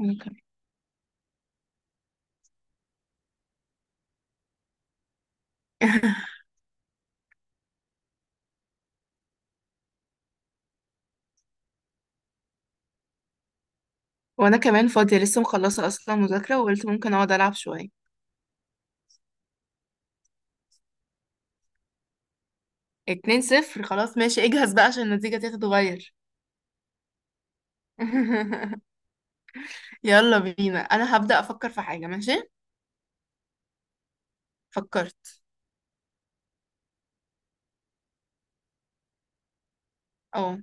وأنا كمان وأنا كمان فاضية لسه مخلصة أصلا مذاكرة، وقلت ممكن أقعد ألعب شوية. اتنين صفر، خلاص ماشي اجهز بقى عشان النتيجة تتغير. يلا بينا، أنا هبدأ أفكر في حاجة. ماشي، فكرت. اه.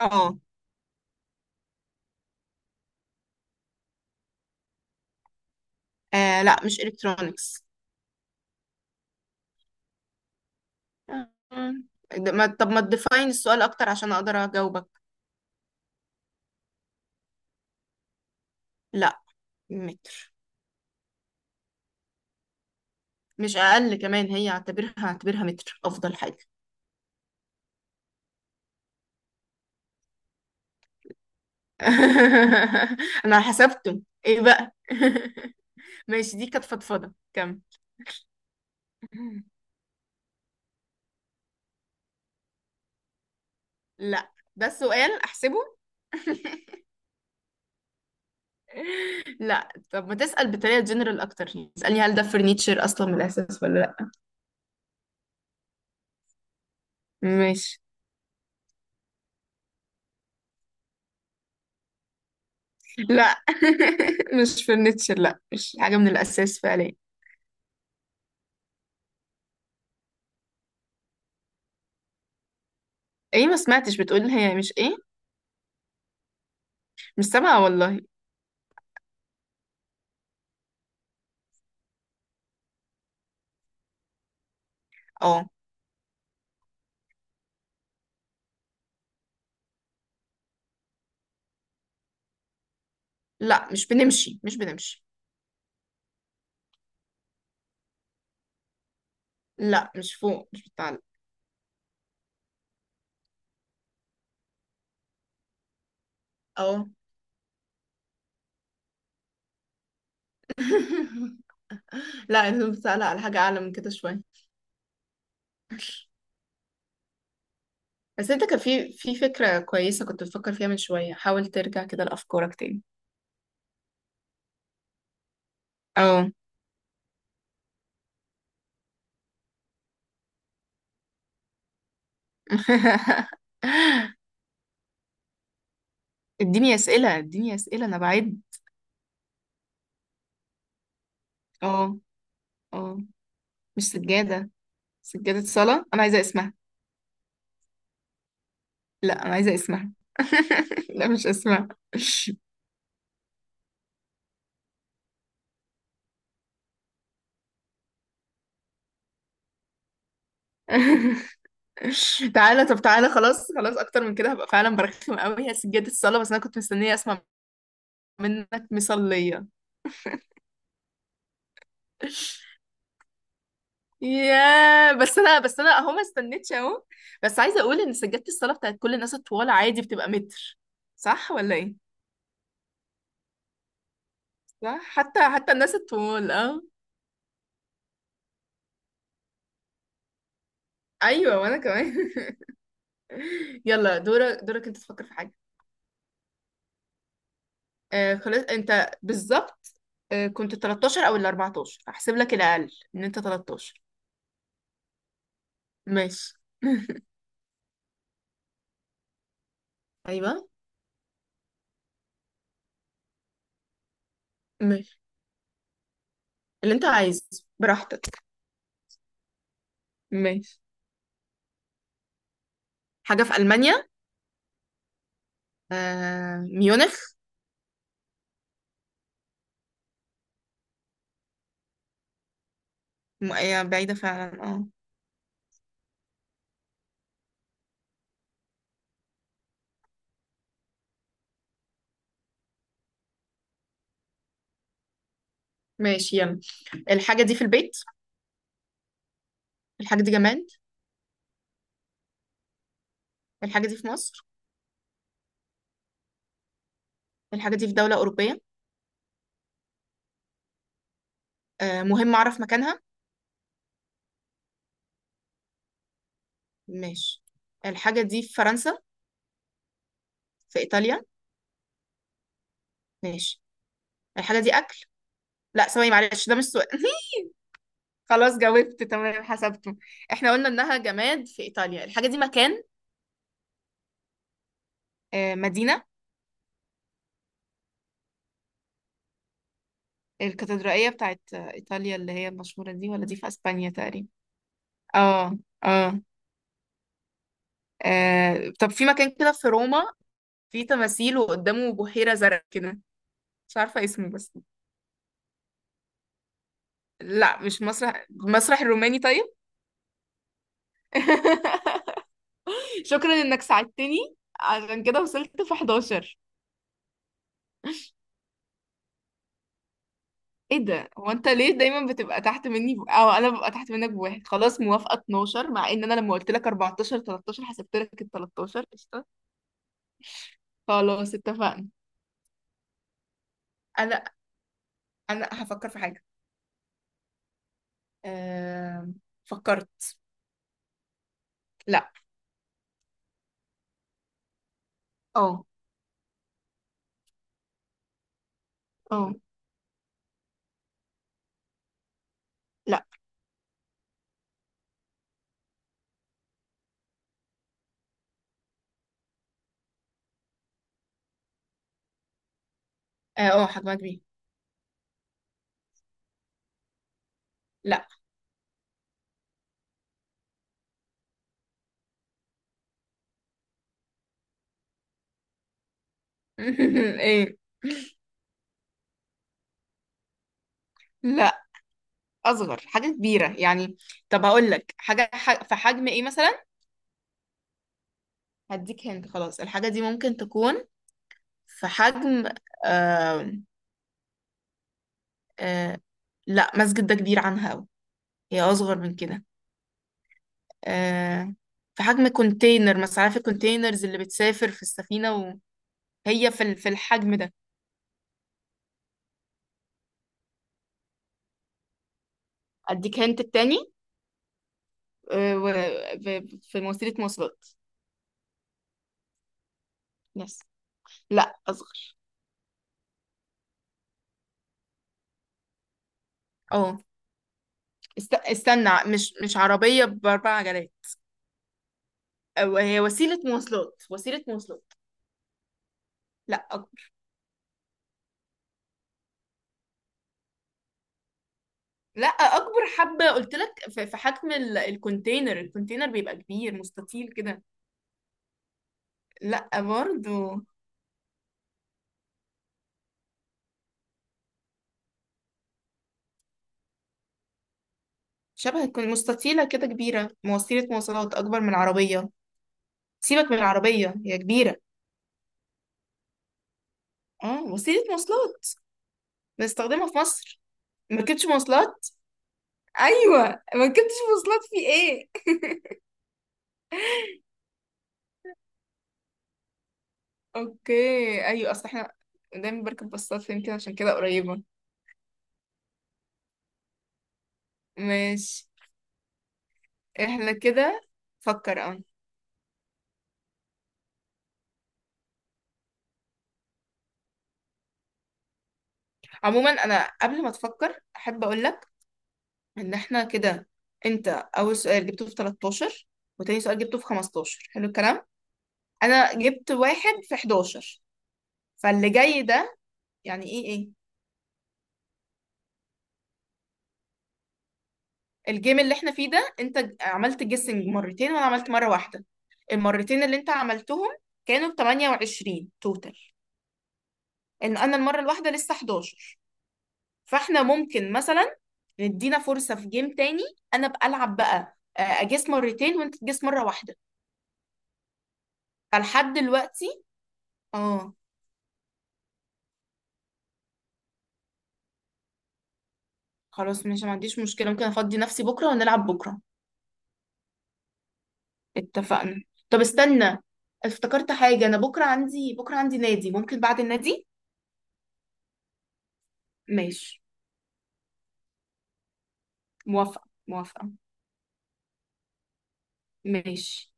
اه. لا مش إلكترونيكس. ما طب ما تديفاين السؤال أكتر عشان أقدر أجاوبك. لا، متر. مش أقل كمان، هي اعتبرها اعتبرها متر أفضل حاجة. أنا حسبته إيه بقى؟ ماشي، دي كانت فضفضة. كم. لا ده السؤال، احسبه. لا طب ما تسأل بطريقة جنرال اكتر. اسألني هل ده فرنيتشر اصلا من الاساس ولا لا. ماشي. لا. مش فرنيتشر، لا مش حاجة من الاساس فعليا. ايه، ما سمعتش بتقول هي مش ايه. مش سامعة والله. اه. لا مش بنمشي، مش بنمشي. لا مش فوق، مش بتعلق. اه. لا انت بتعلق على حاجة اعلى من كده شوية. بس انت كان في فكرة كويسة كنت بتفكر فيها من شوية، حاول ترجع كده لأفكارك تاني. اه. اديني اسئله، اديني اسئله انا بعد. اه. اه. مش سجاده. سجاده صلاه انا عايزه اسمها. لا انا عايزه اسمها. لا مش اسمها. تعالى، طب تعالى، خلاص خلاص اكتر من كده هبقى فعلا برخم قوي. هي سجاده الصلاه، بس انا كنت مستنيه اسمع منك مصليه. يا بس انا اهو ما استنيتش اهو. بس عايزه اقول ان سجاده الصلاه بتاعت كل الناس الطوال عادي بتبقى متر. صح ولا ايه؟ صح، حتى الناس الطوال، اه. ايوه وانا كمان. يلا دورك دورك، انت تفكر في حاجه. آه خلاص، انت بالظبط. آه، كنت 13 او ال 14، احسب لك الاقل ان انت 13. ماشي. ايوه، ماشي اللي انت عايزه، براحتك. ماشي. حاجه في المانيا. آه، ميونخ. هي بعيده فعلا، اه. ماشي يلا. الحاجه دي في البيت. الحاجه دي جماد. الحاجه دي في مصر. الحاجه دي في دوله اوروبيه. آه، مهم اعرف مكانها. ماشي، الحاجة دي في فرنسا. في إيطاليا. ماشي. الحاجة دي أكل. لا ثواني معلش، ده مش سؤال. خلاص جاوبت، تمام حسبته. احنا قلنا إنها جماد في إيطاليا. الحاجة دي مكان. آه، مدينة. الكاتدرائية بتاعت إيطاليا اللي هي المشهورة دي، ولا دي في أسبانيا تقريبا. اه. اه. طب في مكان كده في روما، في تماثيل وقدامه بحيرة زرق كده، مش عارفة اسمه بس. لا مش مسرح، مسرح الروماني طيب. شكرا انك ساعدتني، عشان كده وصلت في 11. ايه ده؟ هو انت ليه دايما بتبقى تحت مني ب... او انا ببقى تحت منك بواحد؟ خلاص موافقة 12، مع ان انا لما قلت لك 14 13، حسبت لك ال 13 قشطة. خلاص اتفقنا. انا انا هفكر في حاجة. أم... فكرت. لا. اه. اه. لا. اه. آه، حجمها كبير. لا. ايه؟ لا، اصغر حاجة كبيرة يعني. طب هقول لك حاجة في حجم ايه مثلا. هديك هنت، خلاص الحاجة دي ممكن تكون في حجم. آه. آه، لا مسجد ده كبير عنها أوي، هي أصغر من كده. آه، في حجم كونتينر مثلا. عارف الكونتينرز اللي بتسافر في السفينة، وهي في الحجم ده. أديك هنت التاني. آه و- في وسيلة مواصلات. يس. لا أصغر. اه. استنى، مش عربية بأربع عجلات. أو هي وسيلة مواصلات، وسيلة مواصلات. لا أكبر. لا أكبر حبة، قلت لك في حجم الكونتينر، الكونتينر بيبقى كبير مستطيل كده. لا برضو. شبه تكون مستطيلة كده كبيرة، وسيلة مواصلات أكبر من العربية. سيبك من العربية، هي كبيرة. اه، وسيلة مواصلات بنستخدمها في مصر. مركبتش مواصلات. أيوة، مركبتش مواصلات في إيه؟ أوكي أيوة، أصل إحنا دايما بركب باصات، يمكن عشان كده قريبة. ماشي إحنا كده. فكر، اه. عموما أنا قبل ما تفكر أحب أقولك إن إحنا كده: أنت أول سؤال جبته في 13، وتاني سؤال جبته في 15، حلو الكلام. انا جبت واحد في 11. فاللي جاي ده يعني ايه ايه. الجيم اللي احنا فيه ده انت عملت جيسنج مرتين، وانا عملت مرة واحدة. المرتين اللي انت عملتهم كانوا ب 28 توتال. ان انا المرة الواحدة لسه 11. فاحنا ممكن مثلا ندينا فرصة في جيم تاني. انا بقى العب بقى آه، اجيس مرتين وانت تجيس مرة واحدة. فلحد دلوقتي، اه. خلاص ماشي، ما عنديش مشكلة. ممكن افضي نفسي بكرة ونلعب بكرة. اتفقنا. طب استنى، افتكرت حاجة. أنا بكرة عندي، بكرة عندي نادي، ممكن بعد النادي. ماشي موافقة موافقة. ماشي.